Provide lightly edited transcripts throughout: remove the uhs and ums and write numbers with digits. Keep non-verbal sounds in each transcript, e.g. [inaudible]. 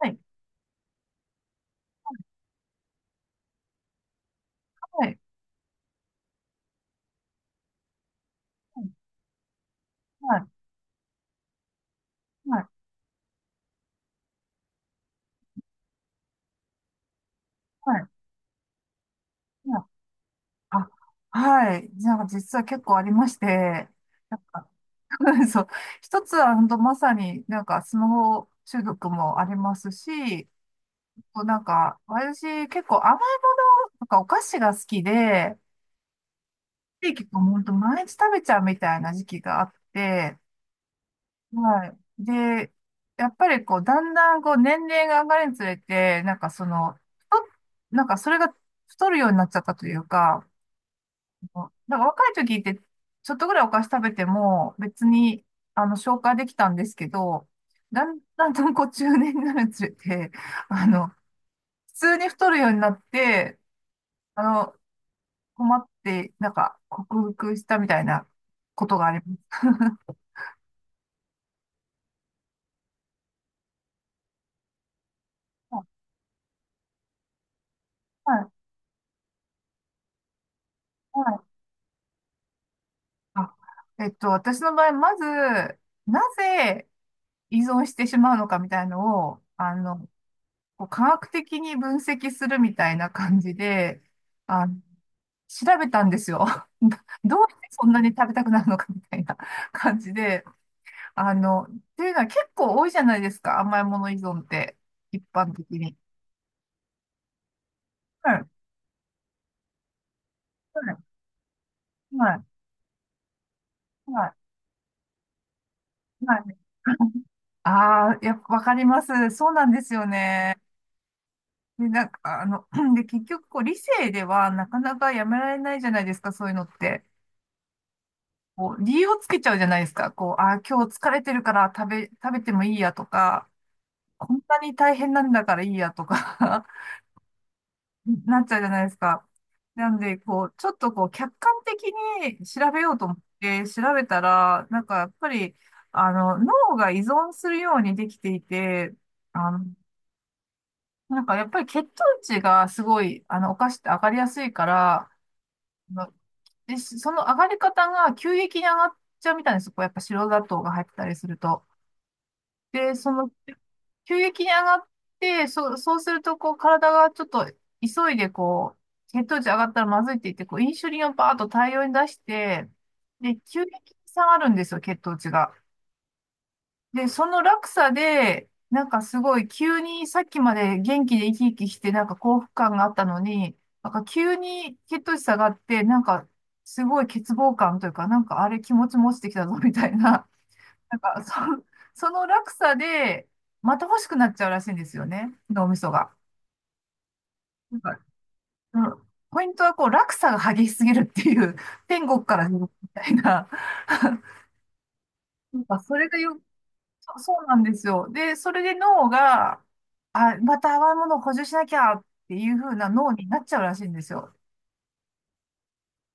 はい、はい、はい、はい、はい、はい。あ、はい。じゃあ、実は結構ありまして、なんか、[laughs] そう、一つは本当まさにスマホ中毒もありますし、私結構甘いものとかお菓子が好きで、で結構本当毎日食べちゃうみたいな時期があって、はい。で、やっぱりこう、だんだんこう、年齢が上がるにつれて、太っなんかそれが太るようになっちゃったというか、若い時って、ちょっとぐらいお菓子食べても、別に、消化できたんですけど、だんだんとこう、中年になるにつれて、あの、普通に太るようになって、あの、困って、克服したみたいなことがあります。[laughs] はい。はい。あ私の場合、まず、なぜ依存してしまうのかみたいのを、こう科学的に分析するみたいな感じで、あの、調べたんですよ。[laughs] どどうしてそんなに食べたくなるのかみたいな感じで、あの、っていうのは結構多いじゃないですか、甘いもの依存って、一般的に。はい、はい、はい、はい。[laughs] はいああ、やっぱわかります。そうなんですよね。で、[clears throat] で、結局、こう、理性ではなかなかやめられないじゃないですか、そういうのって。こう、理由をつけちゃうじゃないですか。こう、あー、今日疲れてるから食べてもいいやとか、こんなに大変なんだからいいやとか [laughs] なっちゃうじゃないですか。なんで、こう、ちょっとこう、客観的に調べようと思って調べたら、やっぱり、脳が依存するようにできていて、あの、やっぱり血糖値がすごい、お菓子って上がりやすいから、で、しその上がり方が急激に上がっちゃうみたいなんですよ。こう、やっぱ白砂糖が入ってたりすると。で、その、急激に上がって、そうすると、こう、体がちょっと急いで、こう、血糖値上がったらまずいって言って、こう、インシュリンをバーッと大量に出して、で、急激に下がるんですよ、血糖値が。で、その落差で、なんかすごい急にさっきまで元気で生き生きしてなんか幸福感があったのに、なんか急に血糖値下がって、なんかすごい欠乏感というか、なんかあれ気持ちも落ちてきたぞみたいな、なんかそ、その落差でまた欲しくなっちゃうらしいんですよね、脳みそが。なんか、うんポイントはこう落差が激しすぎるっていう、天国から地獄みたいな、[laughs] なんかそれがよ、そうそうなんですよ。で、それで脳が、あ、また甘いものを補充しなきゃっていう風な脳になっちゃうらしいんですよ。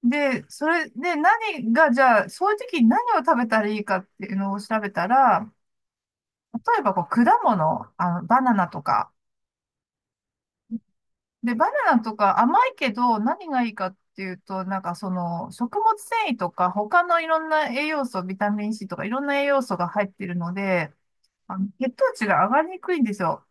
で、それで何が、じゃあ、そういう時に何を食べたらいいかっていうのを調べたら、例えばこう果物、あの、バナナとか。で、バナナとか甘いけど何がいいかっていうと、なんかその食物繊維とか他のいろんな栄養素、ビタミン C とかいろんな栄養素が入ってるので、あの血糖値が上がりにくいんですよ。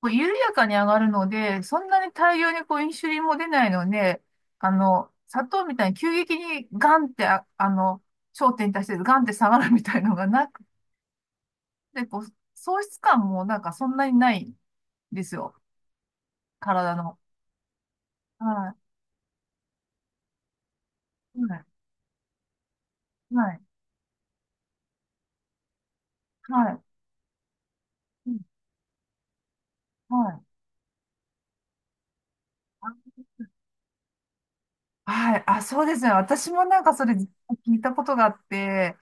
こう緩やかに上がるので、そんなに大量にこうインシュリンも出ないので、砂糖みたいに急激にガンって、焦点に対してガンって下がるみたいのがなくて、こう、喪失感もなんかそんなにないんですよ。体の。はい。はい。はい。はい。うんはい。あ、はいあそうですね。私もなんかそれ聞いたことがあって、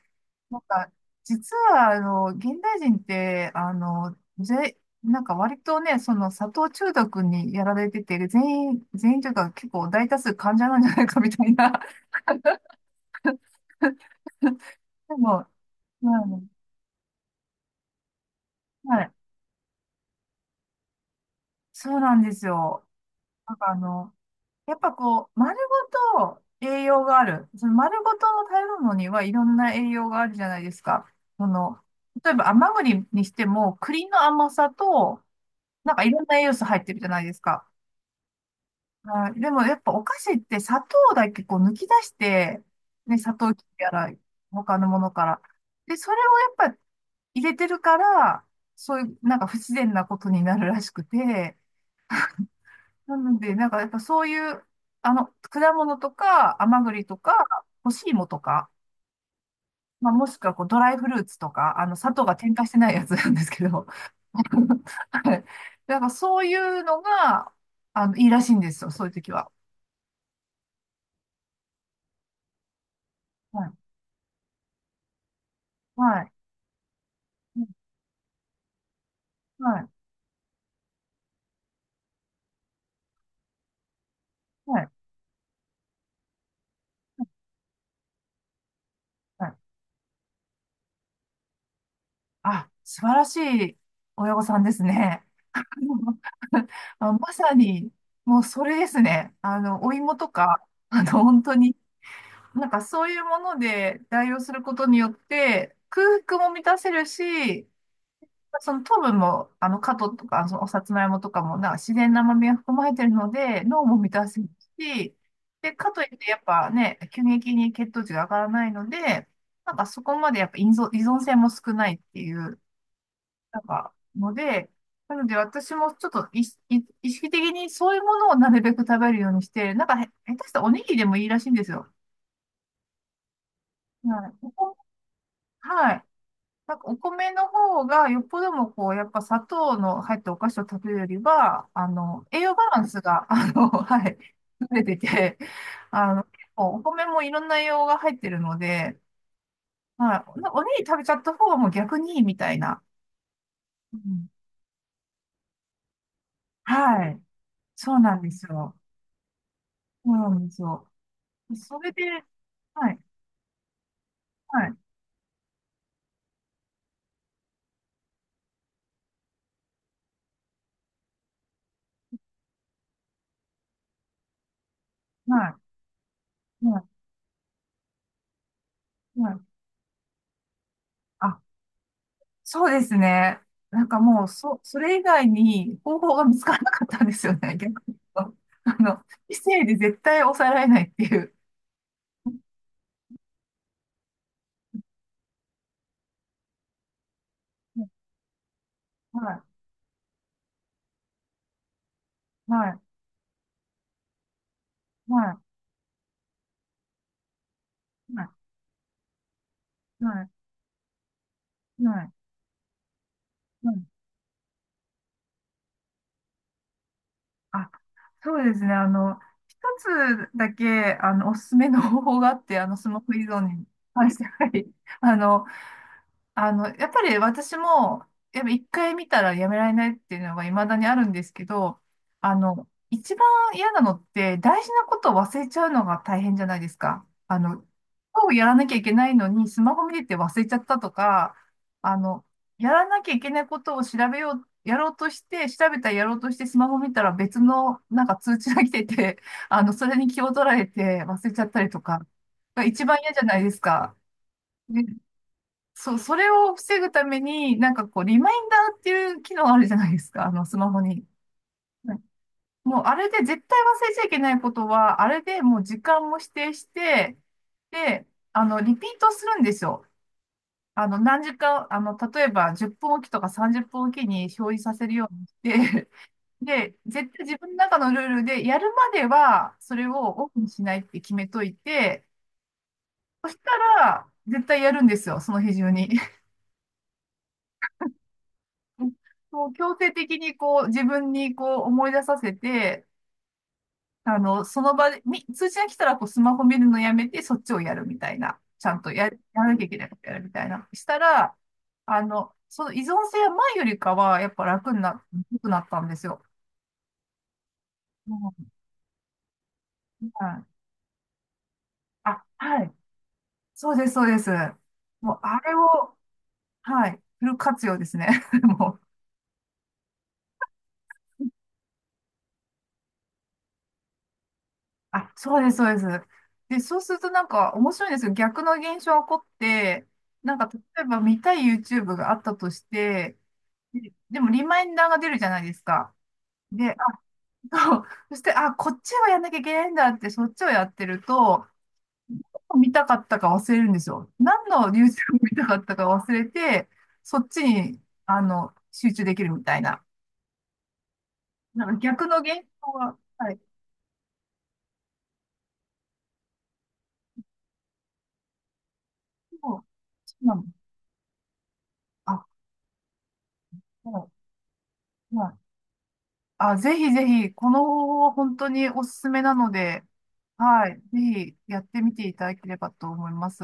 なんか、実は、現代人って、あの、ぜ、なんか割とね、その砂糖中毒にやられてて、全員というか結構大多数患者なんじゃないかみたいな。[laughs] でも、うんはい、そうなんですよ。なんかあの、やっぱこう、丸ごと栄養がある。その丸ごとの食べ物にはいろんな栄養があるじゃないですか。その、例えば甘栗にしても、栗の甘さと、なんかいろんな栄養素入ってるじゃないですか。はい。でもやっぱお菓子って砂糖だけこう抜き出して、ね、砂糖切りやら他のものから。で、それをやっぱ入れてるから、そういうなんか不自然なことになるらしくて、なのでなんかやっぱそういう、果物とか甘栗とか干し芋とか、まあ、もしくはこうドライフルーツとか、砂糖が添加してないやつなんですけど、[laughs] はい。なんかそういうのが、いいらしいんですよ、そういう時は。はい。はい。うんはい。はい。はいあ、素晴らしい親御さんですね。[laughs] あ、まさに、もうそれですね。お芋とか、本当に、なんかそういうもので代用することによって、空腹も満たせるし、その糖分も、カトとか、そのおさつまいもとかも、なんか自然な甘みが含まれてるので、脳も満たすし、で、かといって、やっぱね、急激に血糖値が上がらないので、なんかそこまでやっぱ依存性も少ないっていう、なんか、ので、なので私もちょっと意識的にそういうものをなるべく食べるようにして、なんかへ、下手したらおにぎりでもいいらしいんですよ。はい。ここはいなんかお米の方がよっぽどもこう、やっぱ砂糖の入ったお菓子を食べるよりは、栄養バランスが、[laughs] はい、優れてて、結構お米もいろんな栄養が入ってるので、はい、おにぎり食べちゃった方がもう逆にいいみたいな。うん、はい。そうなんですよ。そうなんですよ。それで、はい、はい、はい、はい、はい。あそうですね。なんかもう、そ、それ以外に方法が見つからなかったんですよね、逆に言うと。あの、異性で絶対抑えられないっていう。はい、はい、はい、はい、はい、はい。はいあ、そうですね。一つだけ、おすすめの方法があって、スマホ依存に関して、はい。あの、やっぱり私も、やっぱ一回見たらやめられないっていうのが未だにあるんですけど、一番嫌なのって、大事なことを忘れちゃうのが大変じゃないですか。今日やらなきゃいけないのに、スマホ見てて忘れちゃったとか、あの、やらなきゃいけないことを調べよう、やろうとして、調べたらやろうとして、スマホ見たら別のなんか通知が来てて、それに気を取られて忘れちゃったりとか、が一番嫌じゃないですか。そう、それを防ぐために、なんかこう、リマインダーっていう機能あるじゃないですか、あの、スマホに。はいもう、あれで絶対忘れちゃいけないことは、あれでもう時間も指定して、で、リピートするんですよ。あの、何時間、あの、例えば10分おきとか30分おきに表示させるようにして、[laughs] で、絶対自分の中のルールで、やるまでは、それをオフにしないって決めといて、そしたら、絶対やるんですよ、その日中に。もう強制的にこう自分にこう思い出させて、あの、その場で、み、通知が来たらこうスマホ見るのやめてそっちをやるみたいな。ちゃんとや、やらなきゃいけないことやるみたいな。したら、その依存性は前よりかはやっぱ楽にな、良くなったんですよ。もう、はい。あ、はい。そうです、そうです。もうあれを、はい。フル活用ですね。[laughs] もう。あ、そうです、そうです。で、そうするとなんか面白いんですよ。逆の現象が起こって、なんか例えば見たい YouTube があったとして、ででもリマインダーが出るじゃないですか。で、あと、[laughs] そして、あ、こっちはやんなきゃいけないんだって、そっちをやってると、見たかったか忘れるんですよ。何の YouTube 見たかったか忘れて、そっちに、集中できるみたいな。なんか逆の現象が、はい。そう、そうなの。あ、そう。あ、ぜひぜひ、この方法は本当におすすめなので、はい。ぜひやってみていただければと思います。